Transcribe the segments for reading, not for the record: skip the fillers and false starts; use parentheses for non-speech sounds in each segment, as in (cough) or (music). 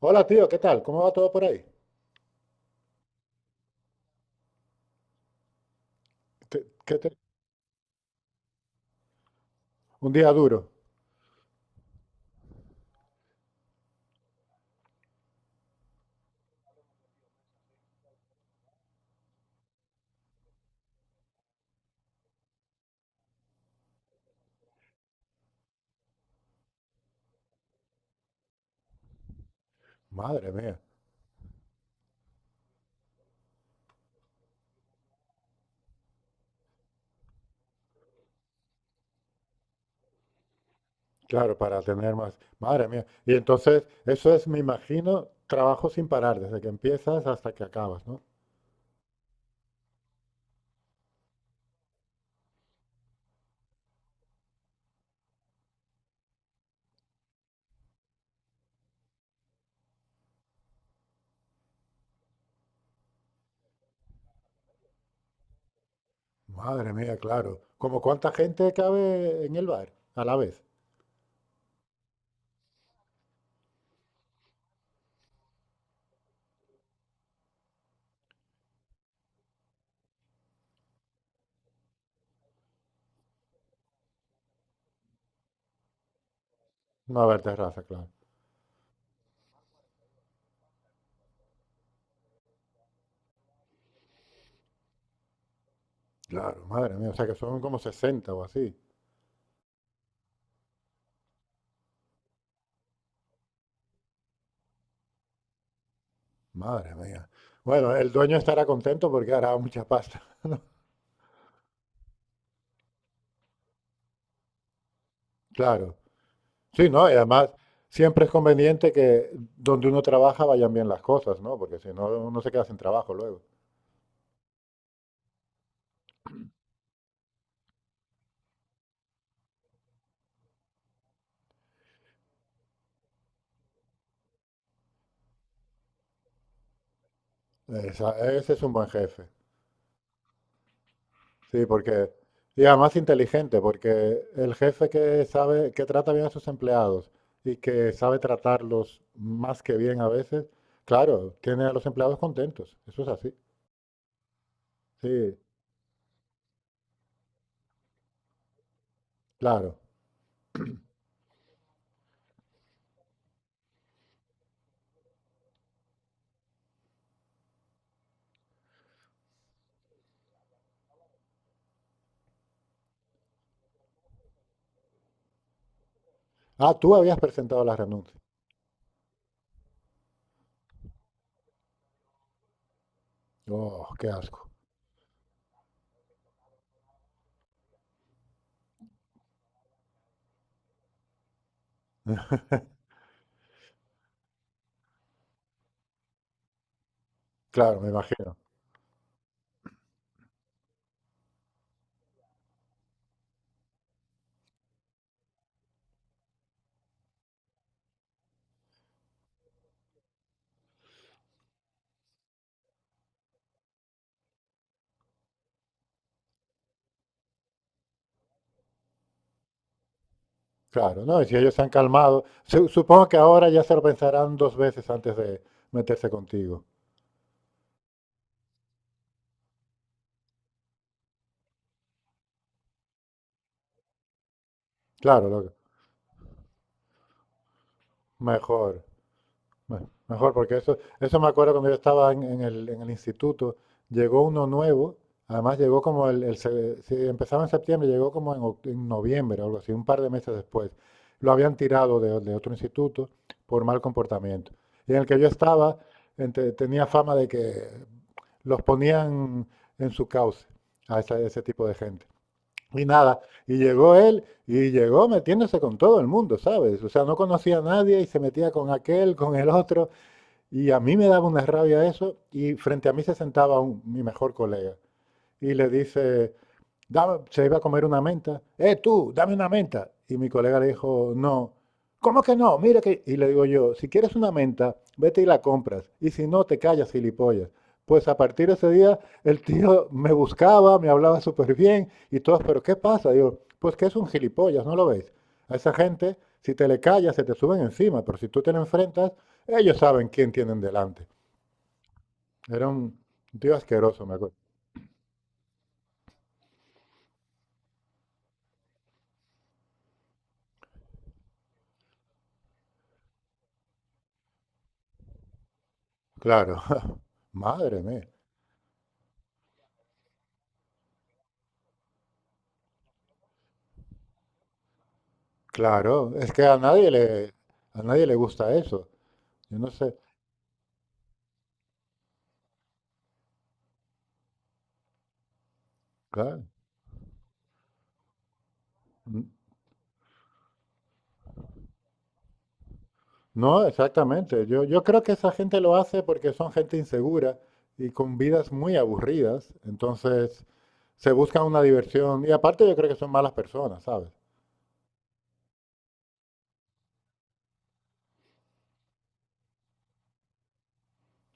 Hola tío, ¿qué tal? ¿Cómo va todo por ahí? ¿Qué- qué te- Un día duro. Madre mía. Claro, para tener más. Madre mía. Y entonces, eso es, me imagino, trabajo sin parar, desde que empiezas hasta que acabas, ¿no? Madre mía, claro. ¿Como cuánta gente cabe en el bar a la vez? No haber terraza, claro. Claro, madre mía. O sea que son como 60 o así. Madre mía. Bueno, el dueño estará contento porque hará mucha pasta, (laughs) ¿no? Claro. Sí, ¿no? Y además siempre es conveniente que donde uno trabaja vayan bien las cosas, ¿no? Porque si no, uno se queda sin trabajo luego. Ese es un buen jefe. Sí, porque... Y además inteligente, porque el jefe que sabe, que trata bien a sus empleados y que sabe tratarlos más que bien a veces, claro, tiene a los empleados contentos. Eso es así. Sí, claro. Ah, tú habías presentado la renuncia. Oh, qué asco. Claro, me imagino. Claro, no, y si ellos se han calmado, supongo que ahora ya se lo pensarán dos veces antes de meterse contigo. Claro. Mejor. Bueno, mejor, porque eso me acuerdo cuando yo estaba en el instituto, llegó uno nuevo, además llegó como si empezaba en septiembre, llegó como en, en noviembre o algo así, un par de meses después. Lo habían tirado de otro instituto por mal comportamiento. Y en el que yo estaba, tenía fama de que los ponían en su cauce a ese tipo de gente. Y nada, y llegó él y llegó metiéndose con todo el mundo, ¿sabes? O sea, no conocía a nadie y se metía con aquel, con el otro, y a mí me daba una rabia eso y frente a mí se sentaba mi mejor colega y le dice, se iba a comer una menta. ¡Eh, tú, dame una menta! Y mi colega le dijo, no. ¿Cómo que no? Mira que... Y le digo yo, si quieres una menta, vete y la compras. Y si no, te callas, gilipollas. Pues a partir de ese día, el tío me buscaba, me hablaba súper bien y todo. ¿Pero qué pasa? Digo, pues que es un gilipollas, ¿no lo veis? A esa gente, si te le callas, se te suben encima. Pero si tú te le enfrentas, ellos saben quién tienen delante. Era un tío asqueroso, me acuerdo. Claro. (laughs) Madre mía. Claro, es que a nadie le gusta eso. Yo no sé, claro. N- No, exactamente. Yo creo que esa gente lo hace porque son gente insegura y con vidas muy aburridas. Entonces se busca una diversión. Y aparte yo creo que son malas personas, ¿sabes?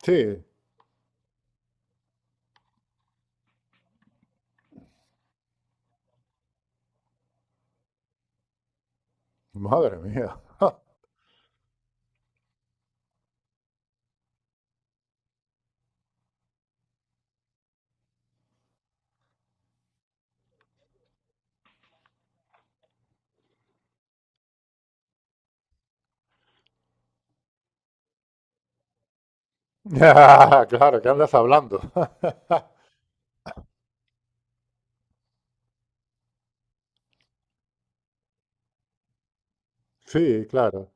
Sí, madre mía. (laughs) (laughs) Claro, ¿qué andas hablando? (laughs) Sí, claro.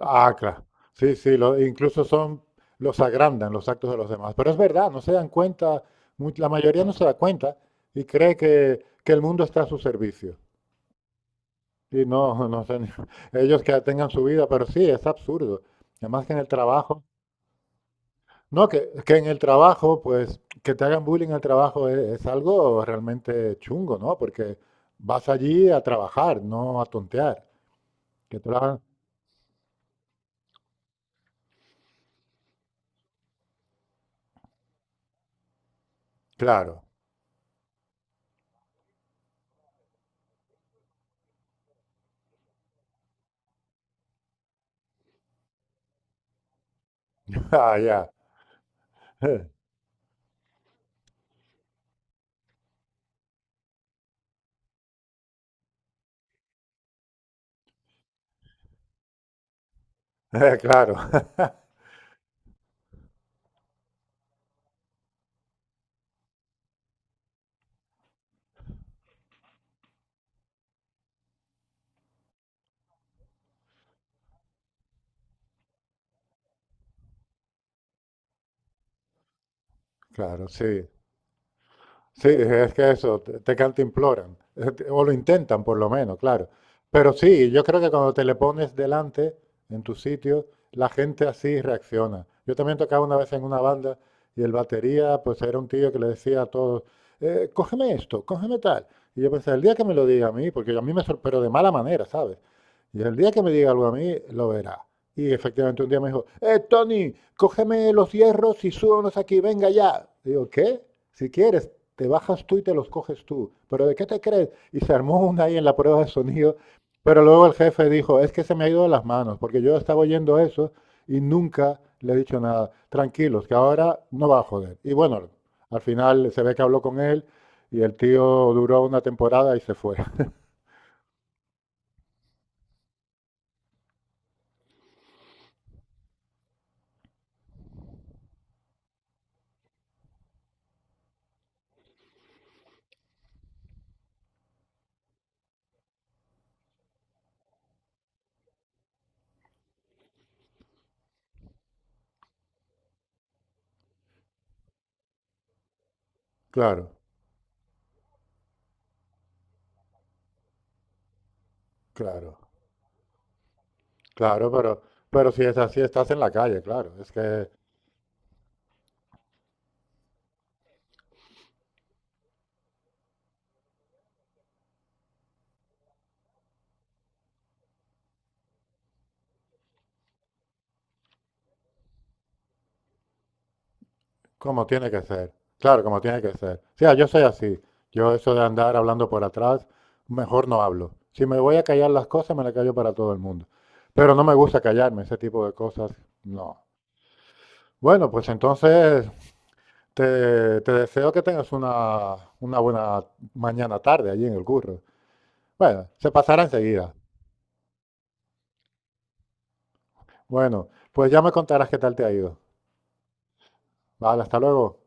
Ah, claro. Sí, sí, incluso son, los agrandan los actos de los demás. Pero es verdad, no se dan cuenta, la mayoría no se da cuenta y cree que el mundo está a su servicio. Y no, no sé, (laughs) ellos que tengan su vida, pero sí, es absurdo. Además que en el trabajo, no, que en el trabajo, pues, que te hagan bullying en el trabajo es algo realmente chungo, ¿no? Porque vas allí a trabajar, no a tontear. Que te lo hagan- Claro, (laughs) ah, ya, (laughs) claro. Claro, sí. Sí, es que eso, te cantimploran, o lo intentan por lo menos, claro. Pero sí, yo creo que cuando te le pones delante en tu sitio, la gente así reacciona. Yo también tocaba una vez en una banda y el batería, pues era un tío que le decía a todos, cógeme esto, cógeme tal." Y yo pensé, el día que me lo diga a mí, porque a mí me sorprendió, pero de mala manera, ¿sabes? Y el día que me diga algo a mí, lo verá. Y efectivamente un día me dijo, Tony, cógeme los hierros y súbanos aquí, venga ya. Digo, ¿qué? Si quieres, te bajas tú y te los coges tú. ¿Pero de qué te crees? Y se armó una ahí en la prueba de sonido. Pero luego el jefe dijo, es que se me ha ido de las manos, porque yo estaba oyendo eso y nunca le he dicho nada. Tranquilos, que ahora no va a joder. Y bueno, al final se ve que habló con él y el tío duró una temporada y se fue. (laughs) Claro, claro, claro, pero si es así, estás en la calle, claro. Es que... Como tiene que ser. Claro, como tiene que ser. O sea, yo soy así. Yo eso de andar hablando por atrás, mejor no hablo. Si me voy a callar las cosas, me las callo para todo el mundo. Pero no me gusta callarme, ese tipo de cosas, no. Bueno, pues entonces te deseo que tengas una buena mañana tarde allí en el curro. Bueno, se pasará enseguida. Bueno, pues ya me contarás qué tal te ha ido. Vale, hasta luego.